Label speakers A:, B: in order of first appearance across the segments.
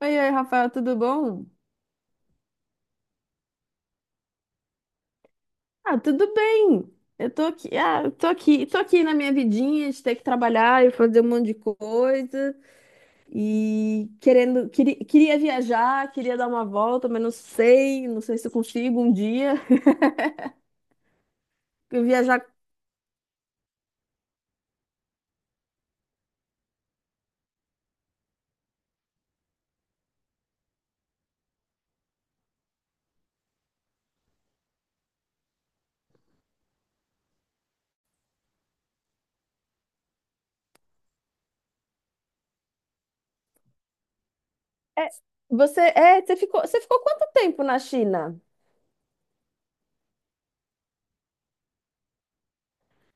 A: Oi, oi, Rafael, tudo bom? Ah, tudo bem. Eu tô aqui, tô aqui na minha vidinha de ter que trabalhar e fazer um monte de coisa e queria viajar, queria dar uma volta, mas não sei, não sei se eu consigo um dia eu viajar. É, Você, você ficou quanto tempo na China?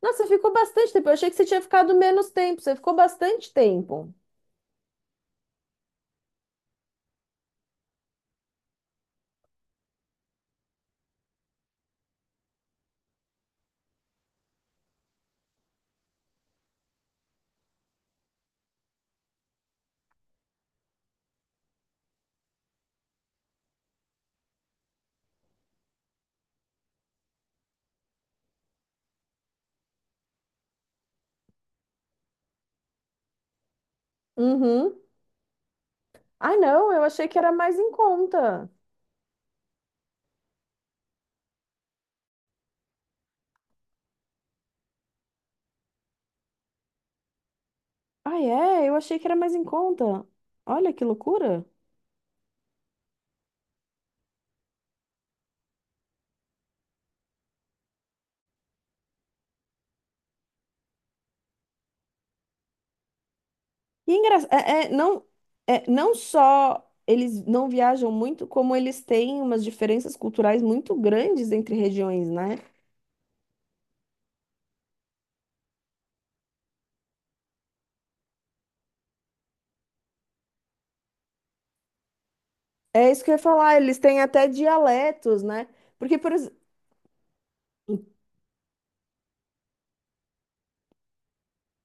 A: Nossa, você ficou bastante tempo. Eu achei que você tinha ficado menos tempo. Você ficou bastante tempo. Uhum. Ah, não, eu achei que era mais em conta. Ah, é? Eu achei que era mais em conta. Olha que loucura. E engraçado, não, é, não só eles não viajam muito, como eles têm umas diferenças culturais muito grandes entre regiões, né? É isso que eu ia falar, eles têm até dialetos, né? Porque, por exemplo.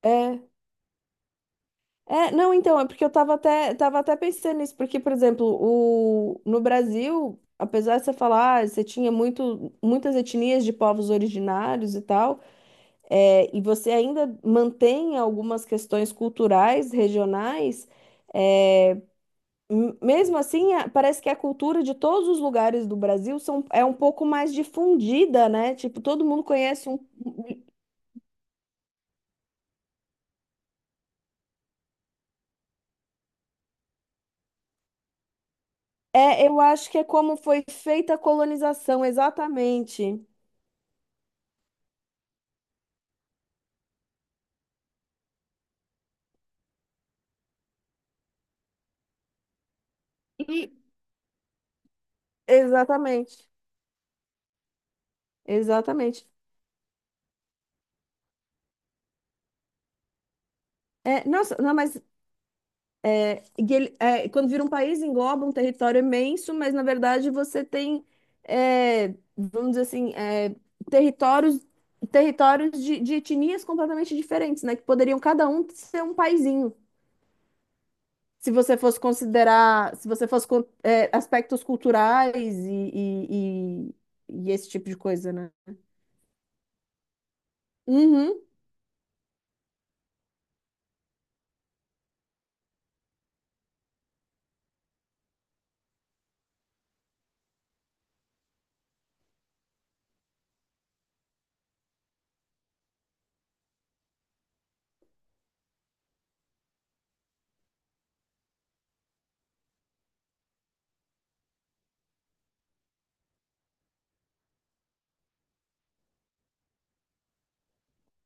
A: É, não, então, é porque eu tava até pensando nisso, porque, por exemplo, no Brasil, apesar de você falar, ah, você tinha muitas etnias de povos originários e tal. É, e você ainda mantém algumas questões culturais, regionais, é, mesmo assim, parece que a cultura de todos os lugares do Brasil são, é um pouco mais difundida, né? Tipo, todo mundo conhece um. É, eu acho que é como foi feita a colonização, exatamente. E- Exatamente, exatamente. É, nossa, não, mas e ele, é, quando vira um país, engloba um território imenso, mas na verdade você tem, é, vamos dizer assim, é, territórios, territórios de etnias completamente diferentes, né? Que poderiam cada um ser um paizinho. Se você fosse considerar, se você fosse, é, aspectos culturais e esse tipo de coisa, né? Uhum.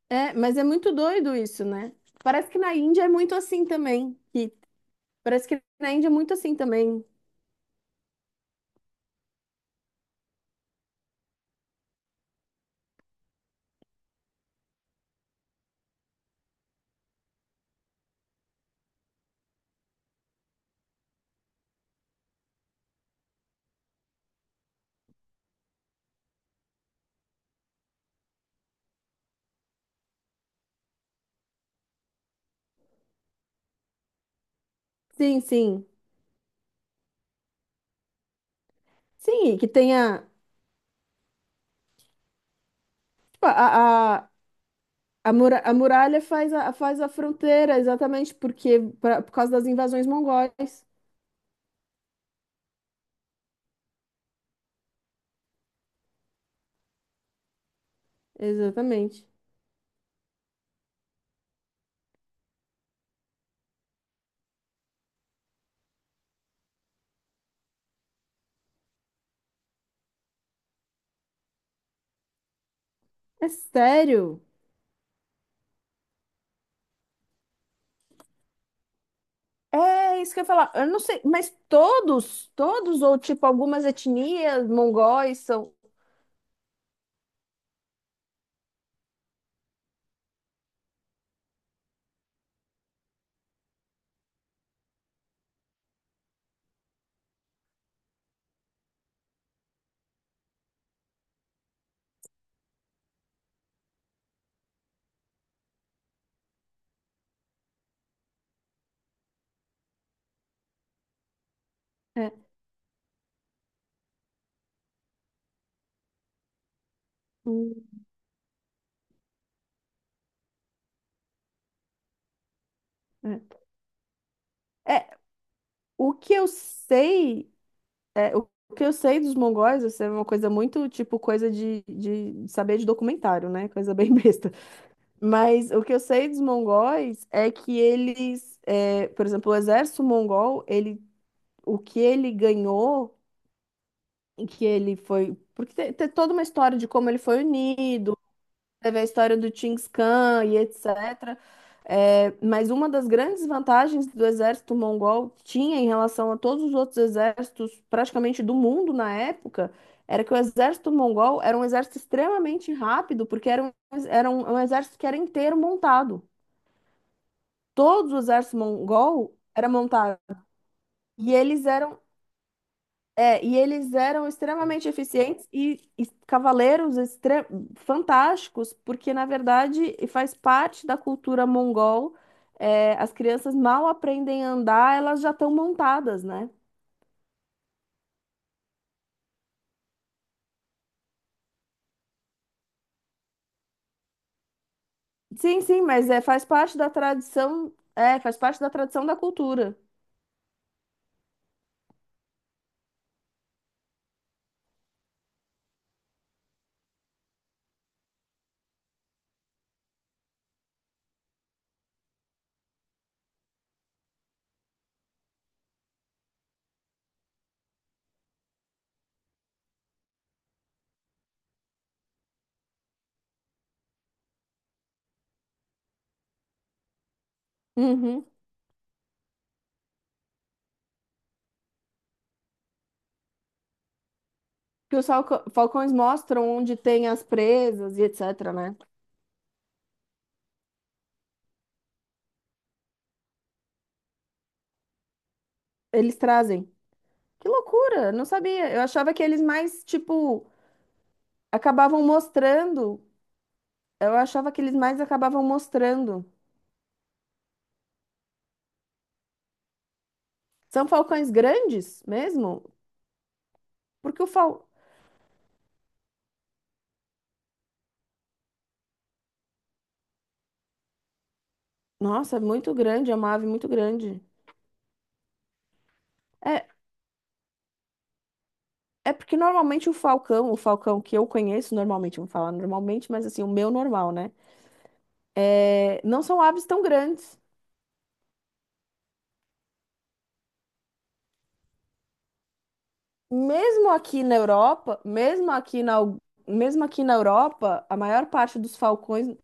A: É, mas é muito doido isso, né? Parece que na Índia é muito assim também. Parece que na Índia é muito assim também. Sim, sim. Sim, e que tenha. Tipo, a, a muralha faz a, faz a fronteira, exatamente, porque por causa das invasões mongóis. Exatamente. É sério? É isso que eu ia falar. Eu não sei, mas todos, todos, ou tipo, algumas etnias mongóis são. É. Hum, é. É, o que eu sei, é, o que eu sei dos mongóis, isso é uma coisa muito, tipo, coisa de saber de documentário, né? Coisa bem besta. Mas o que eu sei dos mongóis é que eles, é, por exemplo, o exército mongol, ele, o que ele ganhou, e que ele foi. Porque tem, tem toda uma história de como ele foi unido, teve a história do Chinggis Khan e etc. É, mas uma das grandes vantagens do exército mongol tinha em relação a todos os outros exércitos, praticamente do mundo na época, era que o exército mongol era um exército extremamente rápido, porque era um exército que era inteiro montado. Todos o exército mongol era montado e eles eram é, e eles eram extremamente eficientes e cavaleiros fantásticos, porque na verdade e faz parte da cultura mongol. É, as crianças mal aprendem a andar, elas já estão montadas, né? Sim, sim, mas é, faz parte da tradição, é, faz parte da tradição da cultura. Uhum. Que os falcões mostram onde tem as presas e etc, né? Eles trazem. Que loucura, não sabia. Eu achava que eles mais, tipo, acabavam mostrando. Eu achava que eles mais acabavam mostrando. São falcões grandes mesmo? Porque o fal... Nossa, é muito grande, é uma ave muito grande. É, é porque normalmente o falcão que eu conheço normalmente, vamos falar normalmente, mas assim, o meu normal, né? É, não são aves tão grandes. Mesmo aqui na Europa, mesmo aqui na, mesmo aqui na Europa, a maior parte dos falcões.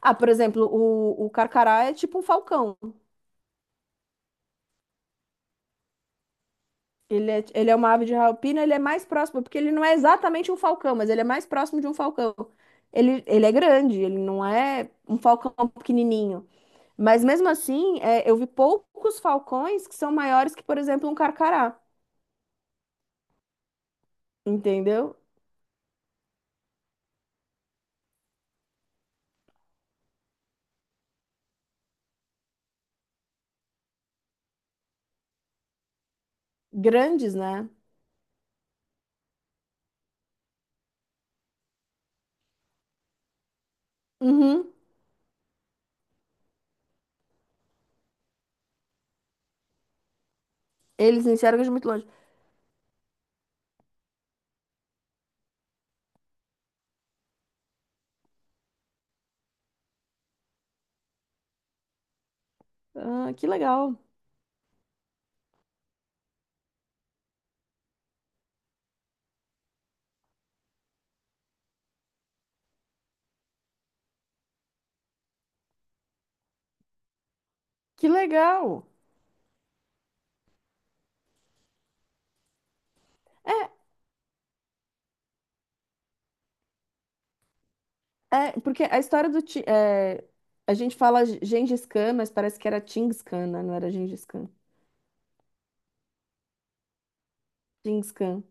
A: Ah, por exemplo, o carcará é tipo um falcão. Ele é uma ave de rapina, ele é mais próximo, porque ele não é exatamente um falcão, mas ele é mais próximo de um falcão. Ele é grande, ele não é um falcão pequenininho. Mas mesmo assim, é, eu vi poucos falcões que são maiores que, por exemplo, um carcará. Entendeu? Grandes, né? Uhum. Eles enxergam de muito longe. Ah, que legal. Que legal! É, porque a história do. É, a gente fala Gengis Khan, mas parece que era Chinggis Khan, né? Não era Gengis Khan. Chinggis Khan.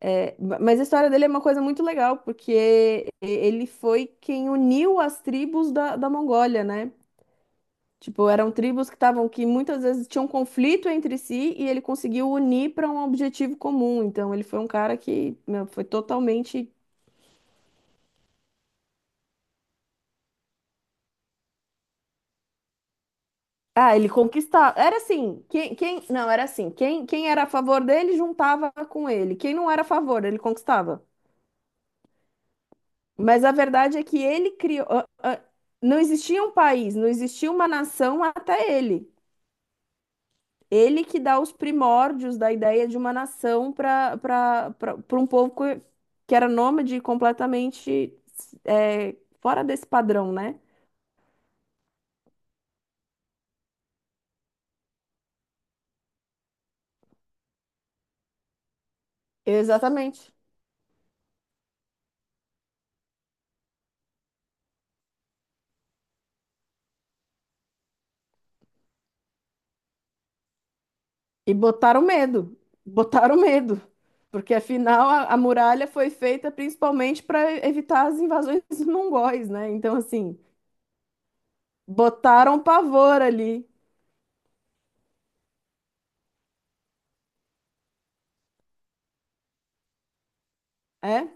A: É, mas a história dele é uma coisa muito legal, porque ele foi quem uniu as tribos da, da Mongólia, né? Tipo, eram tribos que estavam, que muitas vezes tinham um conflito entre si e ele conseguiu unir para um objetivo comum. Então, ele foi um cara que, meu, foi totalmente. Ah, ele conquistava. Era assim, não, era assim, quem, quem era a favor dele juntava com ele, quem não era a favor, ele conquistava. Mas a verdade é que ele criou, não existia um país, não existia uma nação até ele. Ele que dá os primórdios da ideia de uma nação para para um povo que era nômade e completamente é, fora desse padrão, né? Exatamente. E botaram medo, porque afinal a muralha foi feita principalmente para evitar as invasões mongóis, né? Então, assim, botaram pavor ali, é?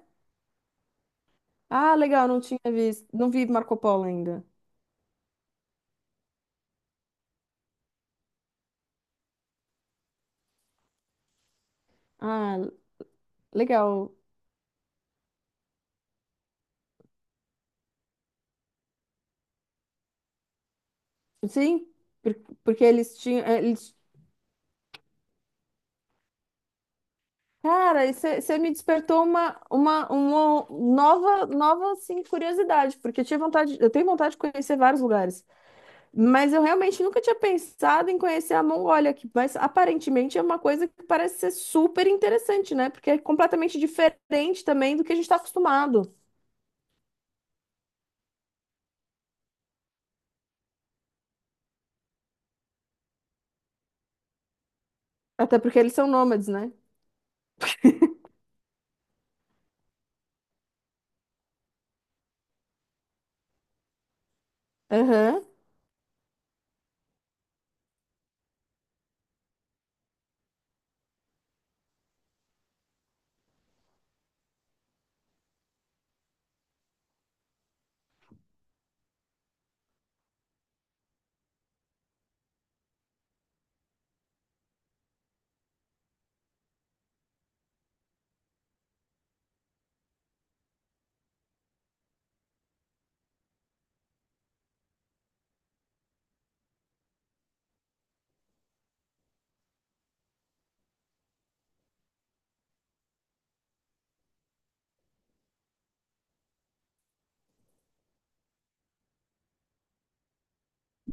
A: Ah, legal, não tinha visto, não vi Marco Polo ainda. Ah, legal. Sim, por- porque eles tinham, eh, eles... Cara, você me despertou uma nova, nova assim, curiosidade, porque eu tinha vontade, eu tenho vontade de conhecer vários lugares. Mas eu realmente nunca tinha pensado em conhecer a Mongólia que mas aparentemente é uma coisa que parece ser super interessante, né? Porque é completamente diferente também do que a gente está acostumado. Até porque eles são nômades, né? Aham.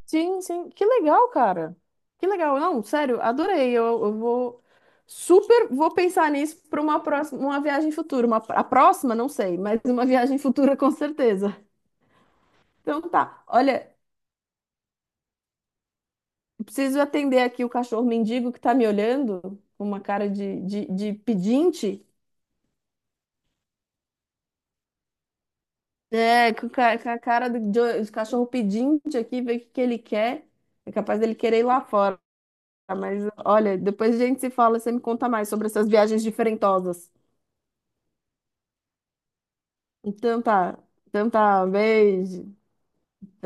A: Sim, sim. Que legal, cara. Que legal. Não, sério, adorei. Eu vou super vou pensar nisso para uma próxima, uma viagem futura. Uma, a próxima, não sei, mas uma viagem futura com certeza. Então tá. Olha, eu preciso atender aqui o cachorro mendigo que tá me olhando com uma cara de pedinte. É, com com a cara do, de cachorro pedinte aqui, ver o que que ele quer. É capaz dele querer ir lá fora. Mas olha, depois a gente se fala, você me conta mais sobre essas viagens diferentosas. Então tá, então tá, um beijo.